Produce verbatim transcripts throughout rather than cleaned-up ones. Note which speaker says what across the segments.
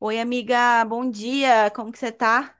Speaker 1: Oi, amiga, bom dia, como que você tá?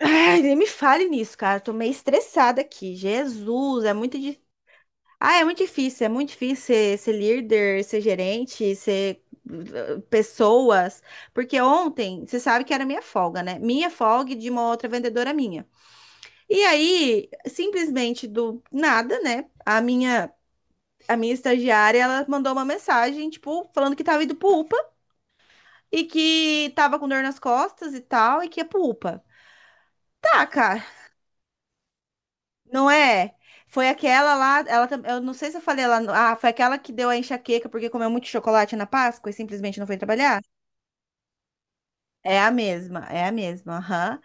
Speaker 1: Ai, nem me fale nisso, cara, tô meio estressada aqui. Jesus, é muito difícil. Ah, é muito difícil, é muito difícil ser, ser líder, ser gerente, ser uh, pessoas. Porque ontem, você sabe que era minha folga, né? Minha folga e de uma outra vendedora minha. E aí, simplesmente do nada, né? A minha. A minha estagiária, ela mandou uma mensagem, tipo, falando que tava indo pro UPA e que tava com dor nas costas e tal, e que ia pro UPA. Tá, cara, não é? Foi aquela lá, ela, tam- eu não sei se eu falei lá, no- ah, foi aquela que deu a enxaqueca porque comeu muito chocolate na Páscoa e simplesmente não foi trabalhar? É a mesma, é a mesma, aham.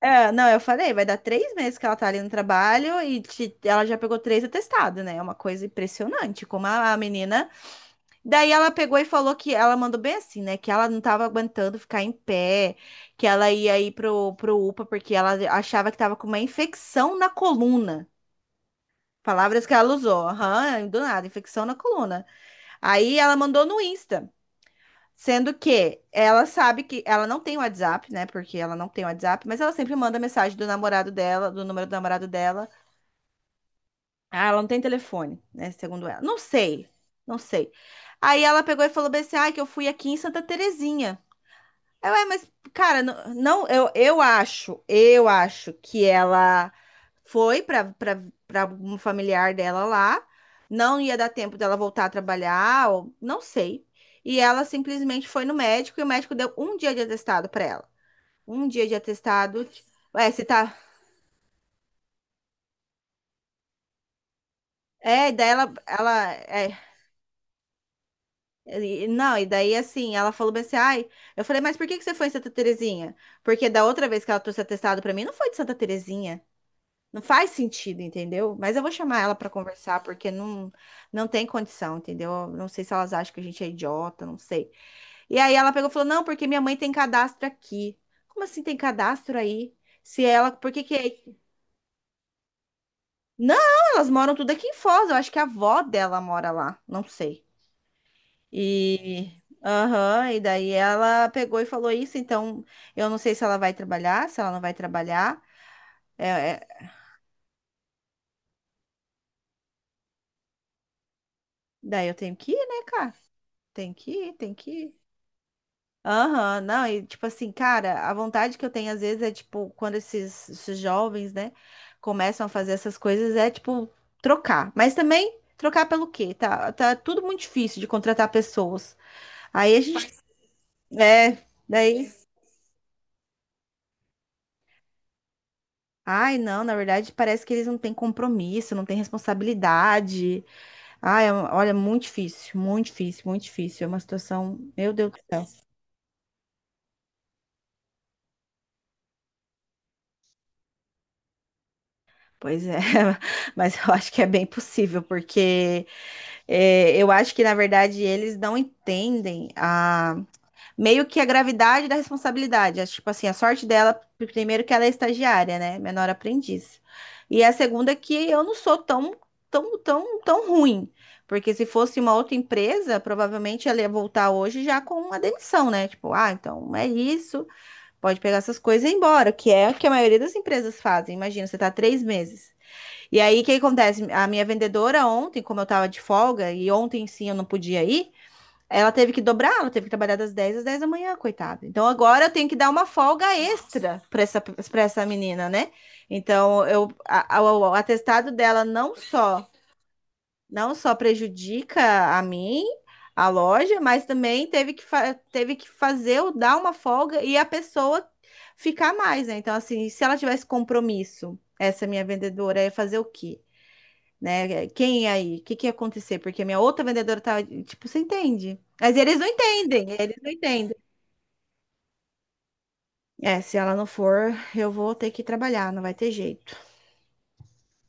Speaker 1: É, não, eu falei, vai dar três meses que ela tá ali no trabalho e te- ela já pegou três atestados, né? É uma coisa impressionante, como a, a menina. Daí ela pegou e falou que ela mandou bem assim, né? Que ela não tava aguentando ficar em pé, que ela ia ir pro, pro UPA porque ela achava que tava com uma infecção na coluna. Palavras que ela usou, aham, do nada, infecção na coluna. Aí ela mandou no Insta, sendo que ela sabe que ela não tem WhatsApp, né? Porque ela não tem WhatsApp, mas ela sempre manda mensagem do namorado dela, do número do namorado dela. Ah, ela não tem telefone, né? Segundo ela. Não sei, não sei. Aí ela pegou e falou bem assim: ai, que eu fui aqui em Santa Terezinha. É, ué, mas, cara, não, não, eu, eu acho, eu acho que ela foi para para um familiar dela lá, não ia dar tempo dela voltar a trabalhar, ou, não sei. E ela simplesmente foi no médico e o médico deu um dia de atestado para ela. Um dia de atestado. Ué, você tá. É, e daí ela, ela, é, e- não, e daí assim, ela falou bem assim, ai, eu falei, mas por que que você foi em Santa Terezinha? Porque da outra vez que ela trouxe atestado para mim, não foi de Santa Terezinha. Não faz sentido, entendeu? Mas eu vou chamar ela pra conversar, porque não, não tem condição, entendeu? Não sei se elas acham que a gente é idiota, não sei. E aí ela pegou e falou: Não, porque minha mãe tem cadastro aqui. Como assim tem cadastro aí? Se ela. Por que que. É- Não, elas moram tudo aqui em Foz. Eu acho que a avó dela mora lá. Não sei. E. Aham, e daí ela pegou e falou isso. Então eu não sei se ela vai trabalhar, se ela não vai trabalhar. É, é- Daí eu tenho que ir, né, cara? Tem que ir, tem que ir. Aham, não, e tipo assim, cara, a vontade que eu tenho às vezes é tipo, quando esses, esses jovens, né, começam a fazer essas coisas, é tipo, trocar. Mas também, trocar pelo quê? Tá, tá tudo muito difícil de contratar pessoas. Aí a gente, é, daí, ai não, na verdade parece que eles não têm compromisso, não têm responsabilidade. Ai, é um- olha, muito difícil, muito difícil, muito difícil. É uma situação, meu Deus do céu. Pois é, mas eu acho que é bem possível, porque. É, eu acho que, na verdade, eles não entendem a meio que a gravidade da responsabilidade. Acho, tipo assim, a sorte dela, primeiro que ela é estagiária, né? Menor aprendiz. E a segunda é que eu não sou tão, tão, tão, tão ruim. Porque se fosse uma outra empresa, provavelmente ela ia voltar hoje já com uma demissão, né? Tipo, ah, então é isso, pode pegar essas coisas e ir embora, que é o que a maioria das empresas fazem. Imagina, você tá três meses. E aí, o que acontece? A minha vendedora ontem, como eu tava de folga, e ontem sim eu não podia ir, ela teve que dobrar, ela teve que trabalhar das dez às dez da manhã, coitada. Então agora eu tenho que dar uma folga extra para essa, para essa menina, né? Então eu, a- a- o atestado dela não só, não só prejudica a mim, a loja, mas também teve que, fa- teve que fazer eu dar uma folga e a pessoa ficar mais, né? Então, assim, se ela tivesse compromisso, essa minha vendedora ia fazer o quê? Né? Quem é aí? O que que ia acontecer? Porque a minha outra vendedora tava, tipo, você entende? Mas eles não entendem, eles não entendem. É, se ela não for, eu vou ter que trabalhar, não vai ter jeito.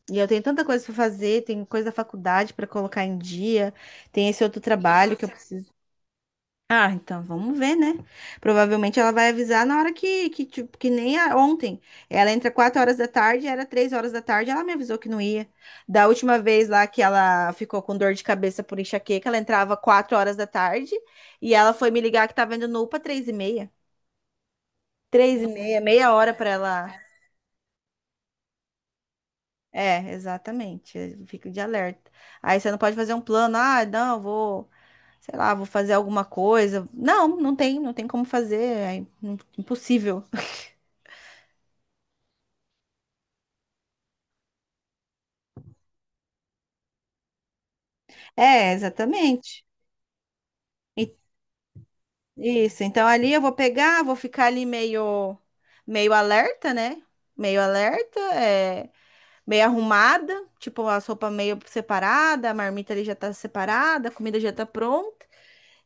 Speaker 1: E eu tenho tanta coisa para fazer, tem coisa da faculdade para colocar em dia, tem esse outro trabalho que eu preciso. Ah, então vamos ver, né? Provavelmente ela vai avisar na hora que, que tipo, que nem a- ontem. Ela entra quatro horas da tarde, era três horas da tarde, ela me avisou que não ia. Da última vez lá que ela ficou com dor de cabeça por enxaqueca, ela entrava quatro horas da tarde e ela foi me ligar que tava indo no UPA três e meia. Três e meia, meia hora pra ela. É, exatamente. Fica de alerta. Aí você não pode fazer um plano, ah, não, eu vou, sei lá, vou fazer alguma coisa. Não, não tem, não tem como fazer, é impossível. É, exatamente. E- Isso. Então ali eu vou pegar, vou ficar ali meio, meio alerta, né? Meio alerta, é, meio arrumada, tipo a sopa meio separada, a marmita ali já tá separada, a comida já tá pronta.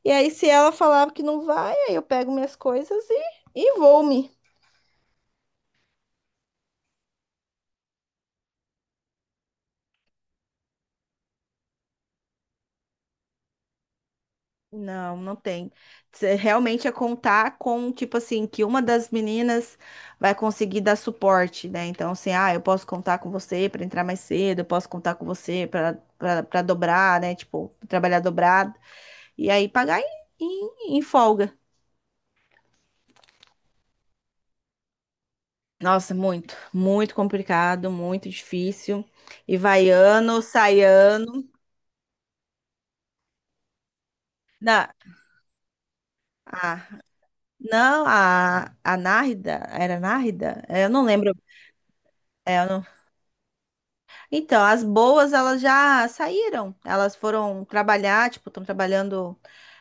Speaker 1: E aí se ela falar que não vai, aí eu pego minhas coisas e, e vou-me. Não, não tem. Cê Realmente é contar com, tipo assim, que uma das meninas vai conseguir dar suporte, né? Então, assim, ah, eu posso contar com você para entrar mais cedo, eu posso contar com você para para dobrar, né? Tipo, trabalhar dobrado. E aí pagar em, em, em folga. Nossa, muito, muito complicado, muito difícil. E vai ano, sai ano. Na, a, não, a, a Nárida, era Nárida? É, Eu não lembro. É, eu não- Então, as boas, elas já saíram. Elas foram trabalhar, tipo, estão trabalhando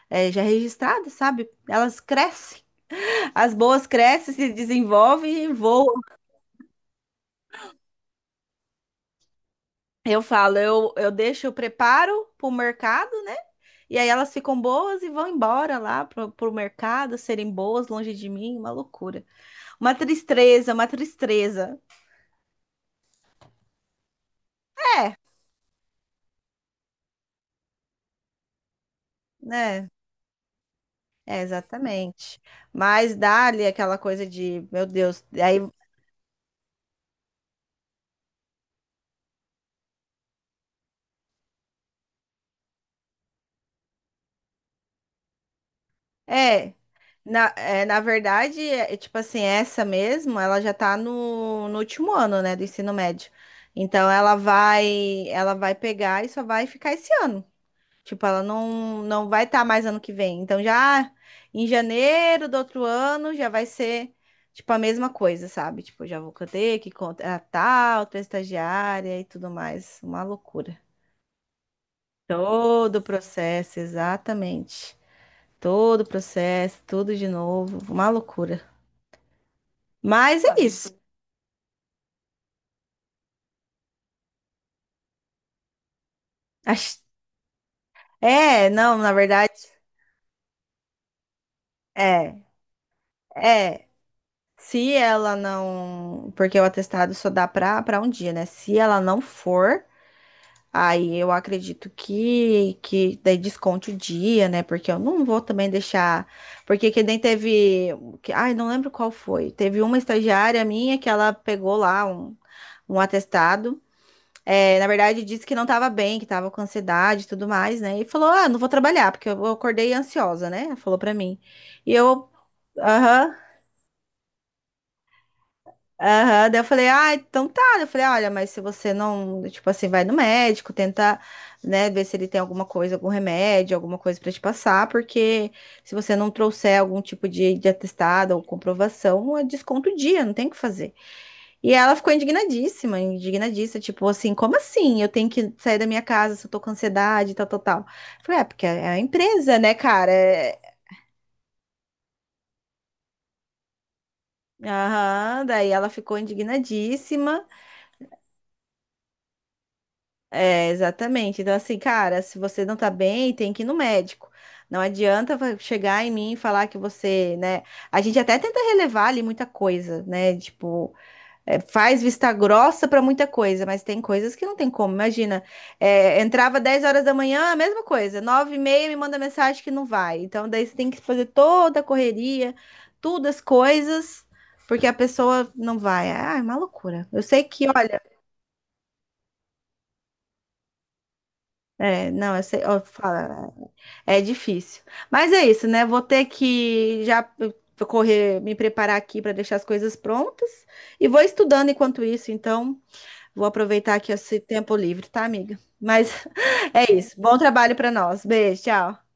Speaker 1: é, já registradas, sabe? Elas crescem. As boas crescem, se desenvolvem e voam. Eu falo, eu, eu deixo, eu preparo para o mercado, né? E aí elas ficam boas e vão embora lá pro, pro mercado, serem boas longe de mim, uma loucura. Uma tristeza, uma tristeza, né? É, exatamente. Mas dá-lhe aquela coisa de, meu Deus, aí É, na, é, na verdade, é, é, tipo assim, essa mesmo, ela já tá no, no último ano, né, do ensino médio. Então ela vai, ela vai pegar e só vai ficar esse ano. Tipo, ela não, não vai estar mais ano que vem. Então já em janeiro do outro ano já vai ser tipo a mesma coisa, sabe? Tipo, já vou ter que contratar outra estagiária e tudo mais. Uma loucura. Todo o processo, exatamente. Todo o processo, tudo de novo, uma loucura. Mas é isso. Acho- É, não, na verdade, é, é. Se ela não, porque o atestado só dá para para um dia, né? Se ela não for, aí eu acredito que que daí desconte o dia, né? Porque eu não vou também deixar, porque que nem teve, que, ai, não lembro qual foi. Teve uma estagiária minha que ela pegou lá um um atestado É, na verdade, disse que não estava bem, que estava com ansiedade e tudo mais, né? E falou: Ah, não vou trabalhar, porque eu acordei ansiosa, né? Falou pra mim. E eu, aham, aham. Daí eu falei: Ah, então tá. Eu falei: Olha, mas se você não, tipo assim, vai no médico, tenta, né, ver se ele tem alguma coisa, algum remédio, alguma coisa pra te passar, porque se você não trouxer algum tipo de, de atestado ou comprovação, é desconto o dia, não tem o que fazer. E ela ficou indignadíssima, indignadíssima, tipo assim, como assim? Eu tenho que sair da minha casa se eu tô com ansiedade, tal, tal, tal. Eu Falei, é, porque é a empresa, né, cara? É- Aham, daí ela ficou indignadíssima. É, exatamente. Então, assim, cara, se você não tá bem, tem que ir no médico. Não adianta va- chegar em mim e falar que você, né? A gente até tenta relevar ali muita coisa, né? Tipo, é, faz vista grossa para muita coisa, mas tem coisas que não tem como. Imagina, é, entrava dez horas da manhã, a mesma coisa, nove e meia me manda mensagem que não vai. Então, daí você tem que fazer toda a correria, todas as coisas, porque a pessoa não vai. Ah, é uma loucura. Eu sei que, olha, é, não, eu sei, ó, fala, é difícil. Mas é isso, né? Vou ter que já correr, me preparar aqui para deixar as coisas prontas e vou estudando enquanto isso, então. Vou aproveitar aqui esse tempo livre, tá, amiga? Mas é isso. Bom trabalho para nós. Beijo, tchau.